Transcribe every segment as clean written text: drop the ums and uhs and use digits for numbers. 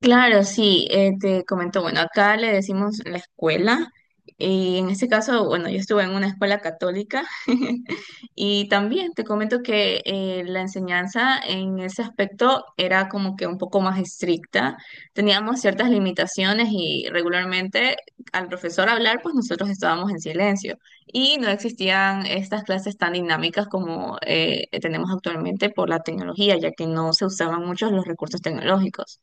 Claro, sí, te comento, bueno, acá le decimos la escuela, y en este caso, bueno, yo estuve en una escuela católica y también te comento que la enseñanza en ese aspecto era como que un poco más estricta, teníamos ciertas limitaciones y regularmente al profesor hablar, pues nosotros estábamos en silencio y no existían estas clases tan dinámicas como tenemos actualmente por la tecnología, ya que no se usaban muchos los recursos tecnológicos.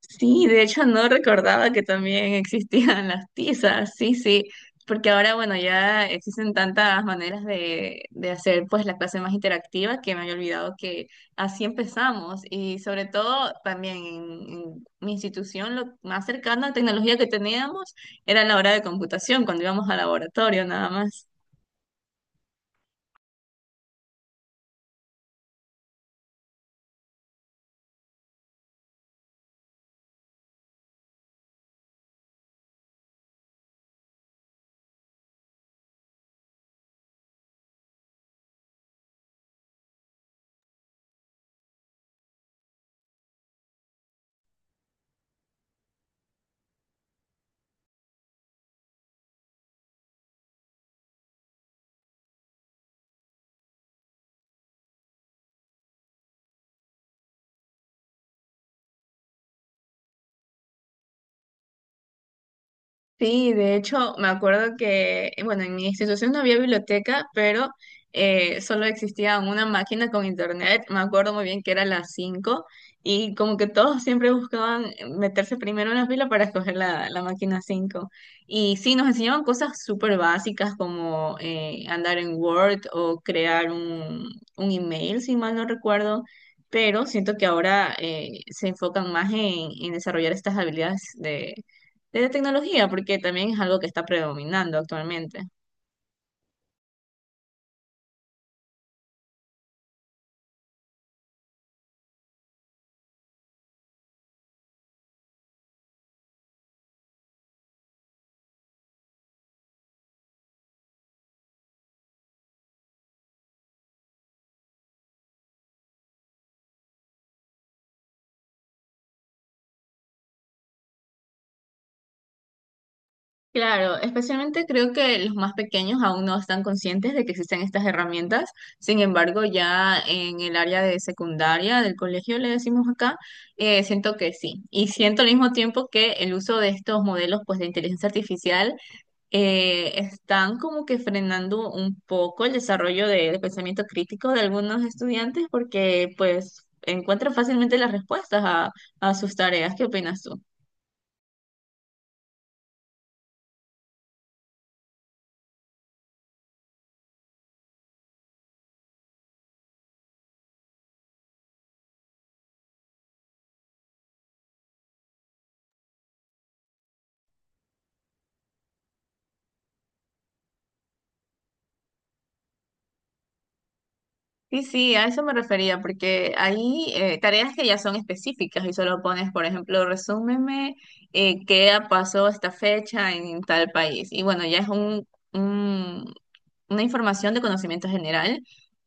Sí, de hecho no recordaba que también existían las tizas, sí, sí, porque ahora, bueno, ya existen tantas maneras de hacer pues la clase más interactiva que me había olvidado que así empezamos y sobre todo también en mi institución lo más cercano a tecnología que teníamos era la hora de computación, cuando íbamos al laboratorio nada más. Sí, de hecho, me acuerdo que, bueno, en mi institución no había biblioteca, pero solo existía una máquina con internet. Me acuerdo muy bien que era las 5 y como que todos siempre buscaban meterse primero en la fila para escoger la máquina 5. Y sí, nos enseñaban cosas súper básicas como andar en Word o crear un email, si mal no recuerdo. Pero siento que ahora se enfocan más en desarrollar estas habilidades de la tecnología, porque también es algo que está predominando actualmente. Claro, especialmente creo que los más pequeños aún no están conscientes de que existen estas herramientas. Sin embargo, ya en el área de secundaria del colegio, le decimos acá, siento que sí. Y siento al mismo tiempo que el uso de estos modelos pues, de inteligencia artificial están como que frenando un poco el desarrollo del pensamiento crítico de algunos estudiantes porque pues encuentran fácilmente las respuestas a sus tareas. ¿Qué opinas tú? Sí, sí, a eso me refería, porque hay tareas que ya son específicas y solo pones, por ejemplo, resúmeme qué pasó esta fecha en tal país. Y bueno, ya es una información de conocimiento general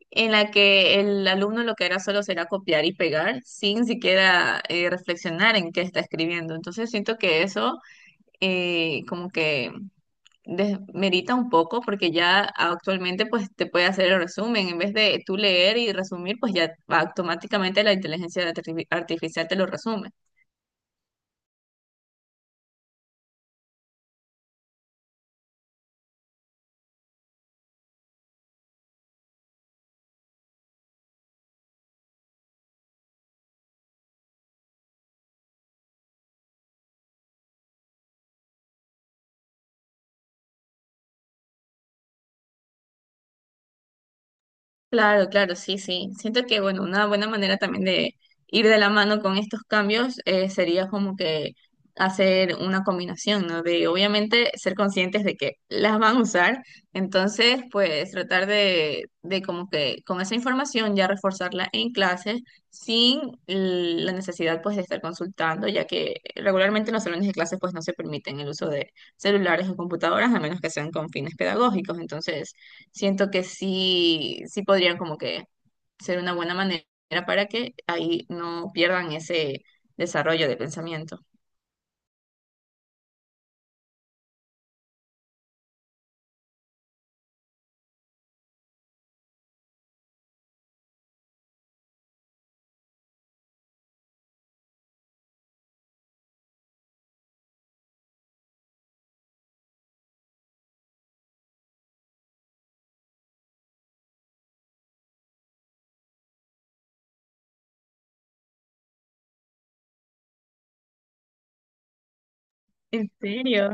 en la que el alumno lo que hará solo será copiar y pegar sin siquiera reflexionar en qué está escribiendo. Entonces siento que eso como que desmerita un poco porque ya actualmente pues te puede hacer el resumen. En vez de tú leer y resumir, pues ya automáticamente la inteligencia artificial te lo resume. Claro, claro, sí, sí. Siento que, bueno, una buena manera también de ir de la mano con estos cambios sería como que hacer una combinación, ¿no? De obviamente ser conscientes de que las van a usar, entonces pues tratar de como que con esa información ya reforzarla en clases sin la necesidad pues de estar consultando, ya que regularmente en los salones de clases pues no se permiten el uso de celulares o computadoras a menos que sean con fines pedagógicos, entonces siento que sí, sí podrían como que ser una buena manera para que ahí no pierdan ese desarrollo de pensamiento. ¿En serio?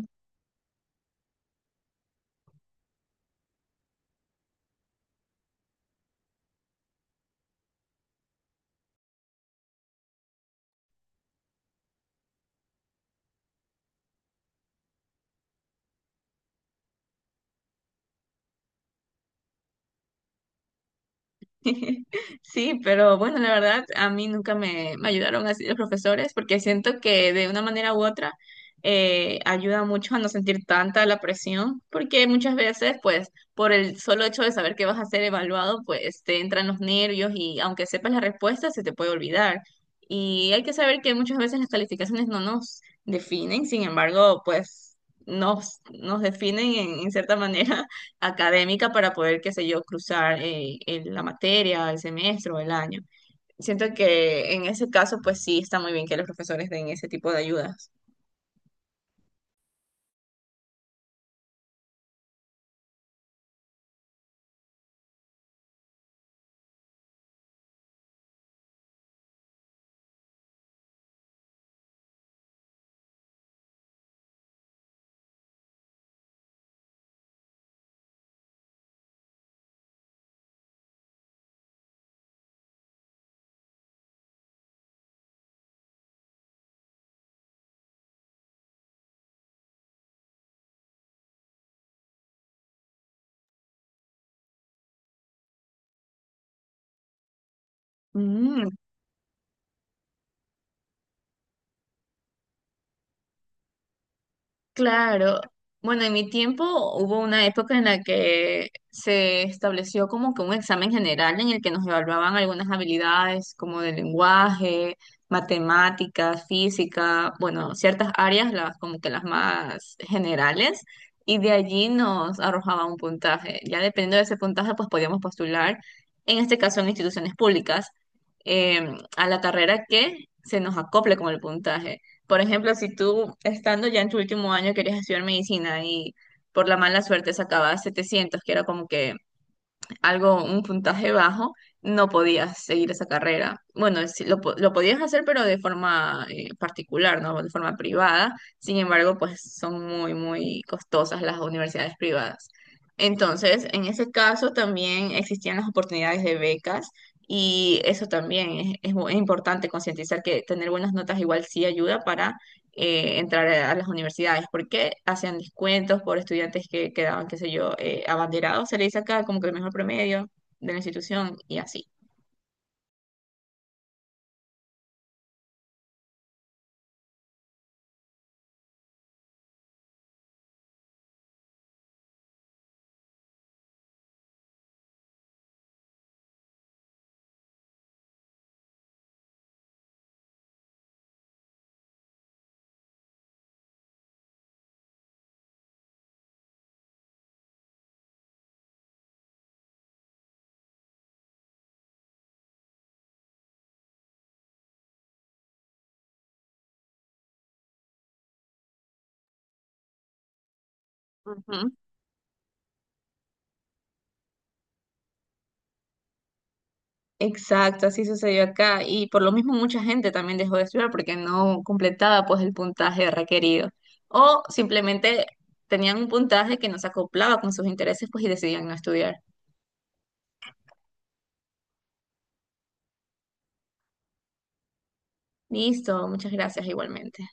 Sí, pero bueno, la verdad, a mí nunca me ayudaron así los profesores porque siento que de una manera u otra ayuda mucho a no sentir tanta la presión porque muchas veces, pues, por el solo hecho de saber que vas a ser evaluado, pues te entran los nervios y aunque sepas la respuesta, se te puede olvidar. Y hay que saber que muchas veces las calificaciones no nos definen, sin embargo, pues nos definen en cierta manera académica para poder, qué sé yo, cruzar la materia, el semestre o el año. Siento que en ese caso, pues sí, está muy bien que los profesores den ese tipo de ayudas. Claro. Bueno, en mi tiempo hubo una época en la que se estableció como que un examen general en el que nos evaluaban algunas habilidades como de lenguaje, matemáticas, física, bueno, ciertas áreas, las como que las más generales, y de allí nos arrojaba un puntaje. Ya dependiendo de ese puntaje, pues podíamos postular, en este caso en instituciones públicas, a la carrera que se nos acople con el puntaje. Por ejemplo, si tú estando ya en tu último año querías estudiar medicina y por la mala suerte sacabas 700 que era como que algo, un puntaje bajo, no podías seguir esa carrera. Bueno, sí, lo podías hacer, pero de forma particular, ¿no? De forma privada. Sin embargo, pues son muy, muy costosas las universidades privadas. Entonces, en ese caso también existían las oportunidades de becas. Y eso también es importante concientizar que tener buenas notas igual sí ayuda para entrar a las universidades, porque hacían descuentos por estudiantes que quedaban, qué sé yo, abanderados, se le dice acá como que el mejor promedio de la institución y así. Ujú. Exacto, así sucedió acá y por lo mismo mucha gente también dejó de estudiar porque no completaba pues el puntaje requerido o simplemente tenían un puntaje que no se acoplaba con sus intereses pues y decidían no estudiar. Listo, muchas gracias igualmente.